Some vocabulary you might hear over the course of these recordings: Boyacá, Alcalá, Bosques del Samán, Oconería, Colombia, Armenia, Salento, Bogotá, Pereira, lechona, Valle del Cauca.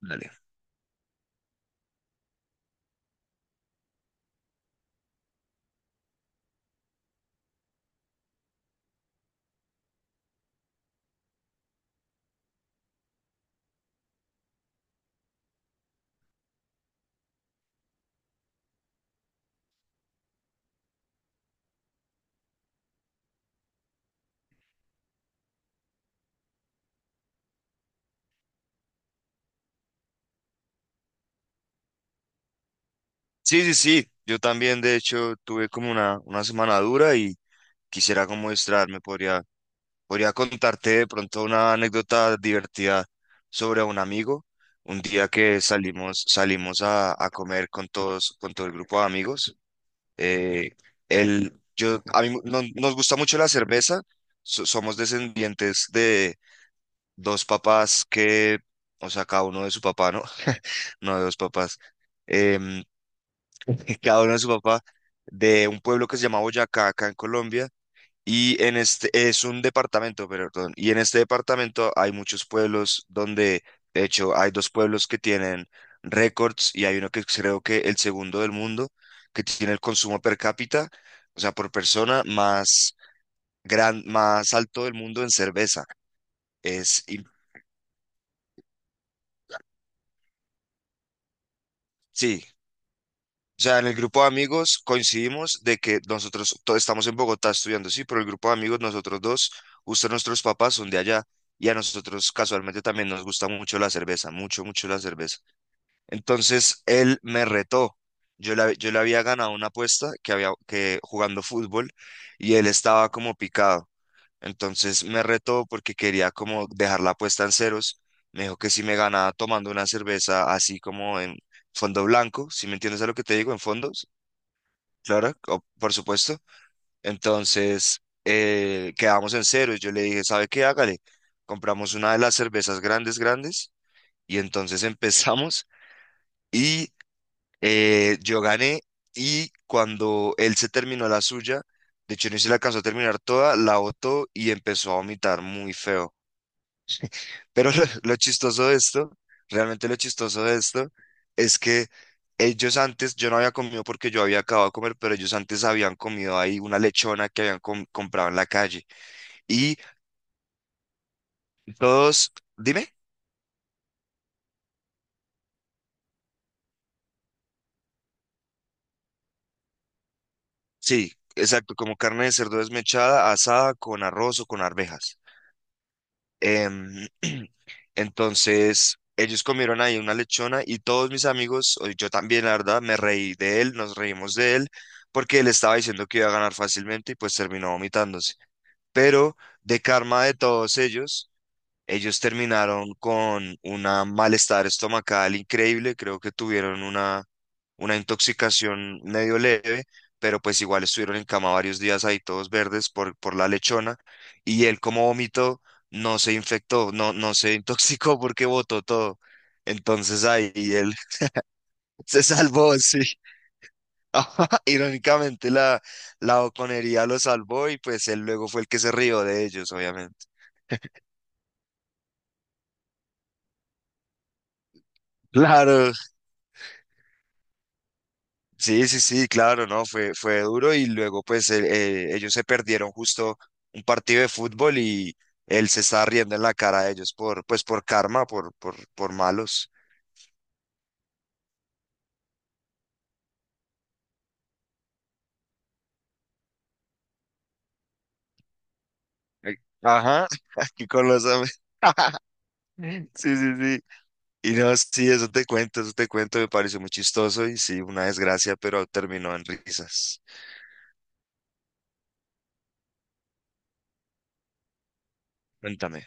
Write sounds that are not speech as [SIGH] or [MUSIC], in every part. Dale. Sí, sí, sí. Yo también, de hecho, tuve como una semana dura y quisiera como distraerme. Podría contarte de pronto una anécdota divertida sobre un amigo. Un día que salimos a comer con todos, con todo el grupo de amigos. Eh, a mí nos gusta mucho la cerveza. Somos descendientes de dos papás que, o sea, cada uno de su papá, ¿no? [LAUGHS] No de dos papás. Em, Cada uno de su papá, de un pueblo que se llama Boyacá, acá en Colombia. Y en este es un departamento, perdón. Y en este departamento hay muchos pueblos donde, de hecho, hay dos pueblos que tienen récords y hay uno que creo que el segundo del mundo, que tiene el consumo per cápita, o sea, por persona más más alto del mundo en cerveza. Es, in- sí, o sea, en el grupo de amigos coincidimos de que nosotros todos estamos en Bogotá estudiando, sí, pero el grupo de amigos, nosotros dos, justo nuestros papás son de allá y a nosotros casualmente también nos gusta mucho la cerveza, mucho, mucho la cerveza. Entonces él me retó. Yo le había ganado una apuesta que había que jugando fútbol y él estaba como picado. Entonces me retó porque quería como dejar la apuesta en ceros. Me dijo que si me ganaba tomando una cerveza así como en fondo blanco, si me entiendes a lo que te digo, en fondos, claro, por supuesto. Entonces quedamos en ceros. Yo le dije, ¿sabe qué? Hágale. Compramos una de las cervezas grandes, grandes y entonces [LAUGHS] empezamos. Y yo gané y cuando él se terminó la suya, de hecho no se la alcanzó a terminar toda, la botó y empezó a vomitar muy feo. Pero [LAUGHS] lo chistoso de esto, realmente lo chistoso de esto, es que ellos antes, yo no había comido porque yo había acabado de comer, pero ellos antes habían comido ahí una lechona que comprado en la calle. Y todos, dime, sí, exacto, como carne de cerdo desmechada, asada con arroz o con arvejas. Em, [CLEARS THROAT] entonces, ellos comieron ahí una lechona y todos mis amigos, o yo también, la verdad, me reí de él, nos reímos de él, porque él estaba diciendo que iba a ganar fácilmente y pues terminó vomitándose. Pero de karma de todos ellos, ellos terminaron con un malestar estomacal increíble, creo que tuvieron una intoxicación medio leve, pero pues igual estuvieron en cama varios días ahí todos verdes por la lechona y él como vomitó no se infectó, no, no se [LAUGHS] intoxicó porque votó todo. Entonces ahí él [LAUGHS] se salvó, sí. [LAUGHS] Ajá, irónicamente la Oconería lo salvó y pues él luego fue el que se rió de ellos, obviamente. Claro, sí, sí, sí, claro, no, fue duro y luego pues ellos se perdieron justo un partido de fútbol y él se estaba riendo en la cara de ellos por, pues por karma, por malos. Eh, Ajá, [LAUGHS] aquí con los... amigos. [LAUGHS] Sí, sí, sí. Y no, sí, eso te cuento, me pareció muy chistoso y sí, una desgracia, pero terminó en risas. Cuéntame.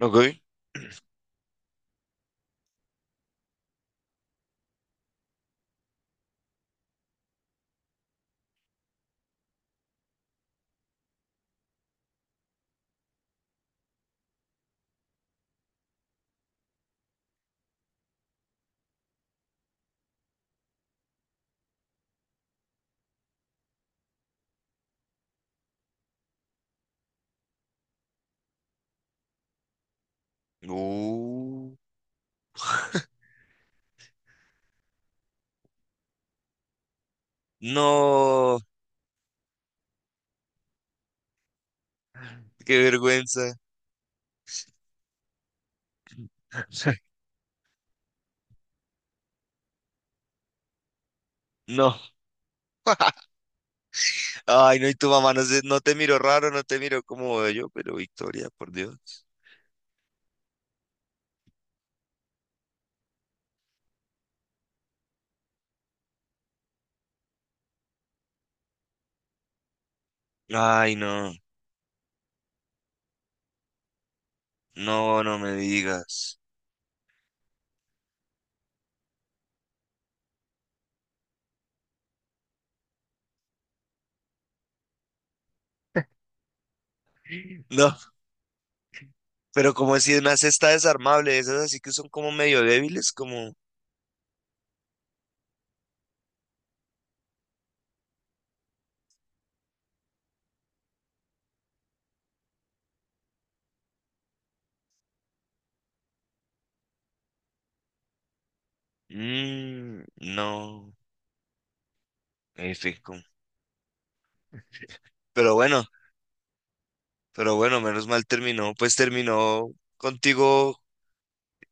Ok. Uh, no, qué vergüenza. [LAUGHS] No. Ay, no, y tu mamá no, no te miró raro, no te miró como yo pero Victoria, por Dios. Ay, no, no, no me digas. No, pero como si una cesta desarmable, esas así que son como medio débiles, como... mm, no, F, como- pero bueno, pero bueno, menos mal terminó, pues terminó contigo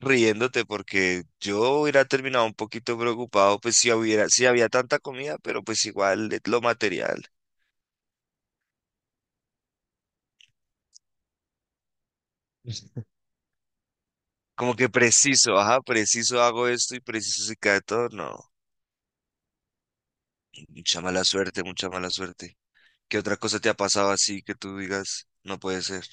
riéndote, porque yo hubiera terminado un poquito preocupado, pues si hubiera, si había tanta comida, pero pues igual lo material. Como que preciso, ajá, preciso hago esto y preciso se cae todo. No, mucha mala suerte, mucha mala suerte. ¿Qué otra cosa te ha pasado así que tú digas, no puede ser?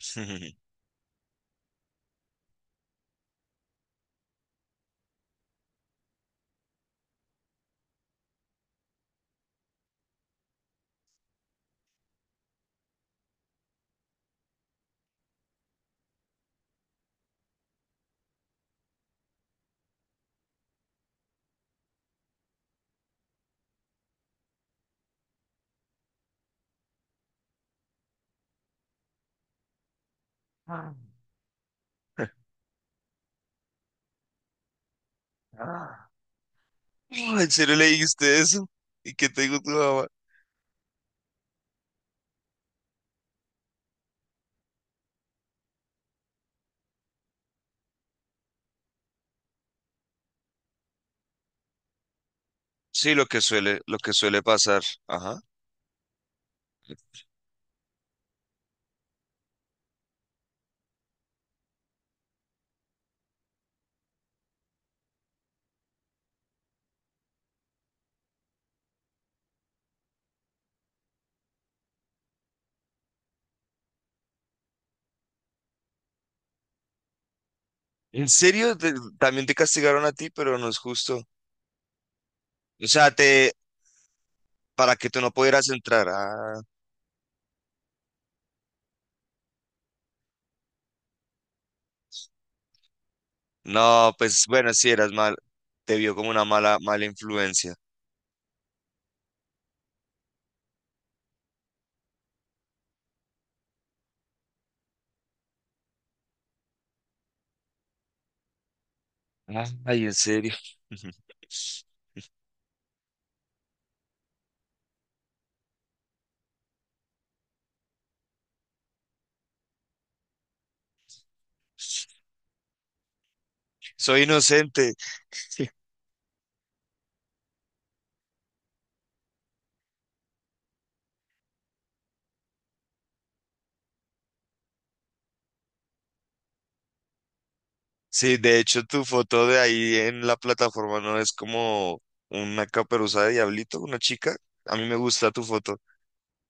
[LAUGHS] Ah, ah. Oh, ¿en serio le dijiste eso? ¿Y qué te dijo tu mamá? Sí, lo que suele pasar. Ajá. ¿En serio? Te- también te castigaron a ti, pero no es justo. O sea, te, para que tú no pudieras entrar. Ah, no, pues bueno, sí eras mal. Te vio como una mala, mala influencia. Ah, ay, en serio. [LAUGHS] Soy inocente. Sí, de hecho, tu foto de ahí en la plataforma no es como una caperuza de diablito, una chica. A mí me gusta tu foto.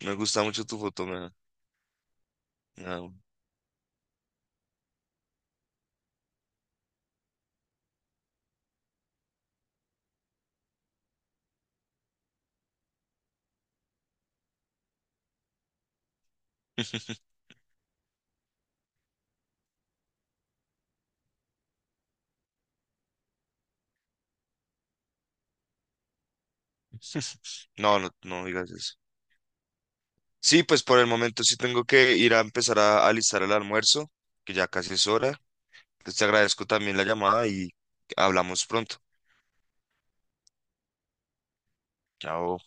Me gusta mucho tu foto, me da un- [LAUGHS] No, no, no digas eso. Sí, pues por el momento sí tengo que ir a empezar a alistar el almuerzo, que ya casi es hora. Pues te agradezco también la llamada y hablamos pronto. Chao.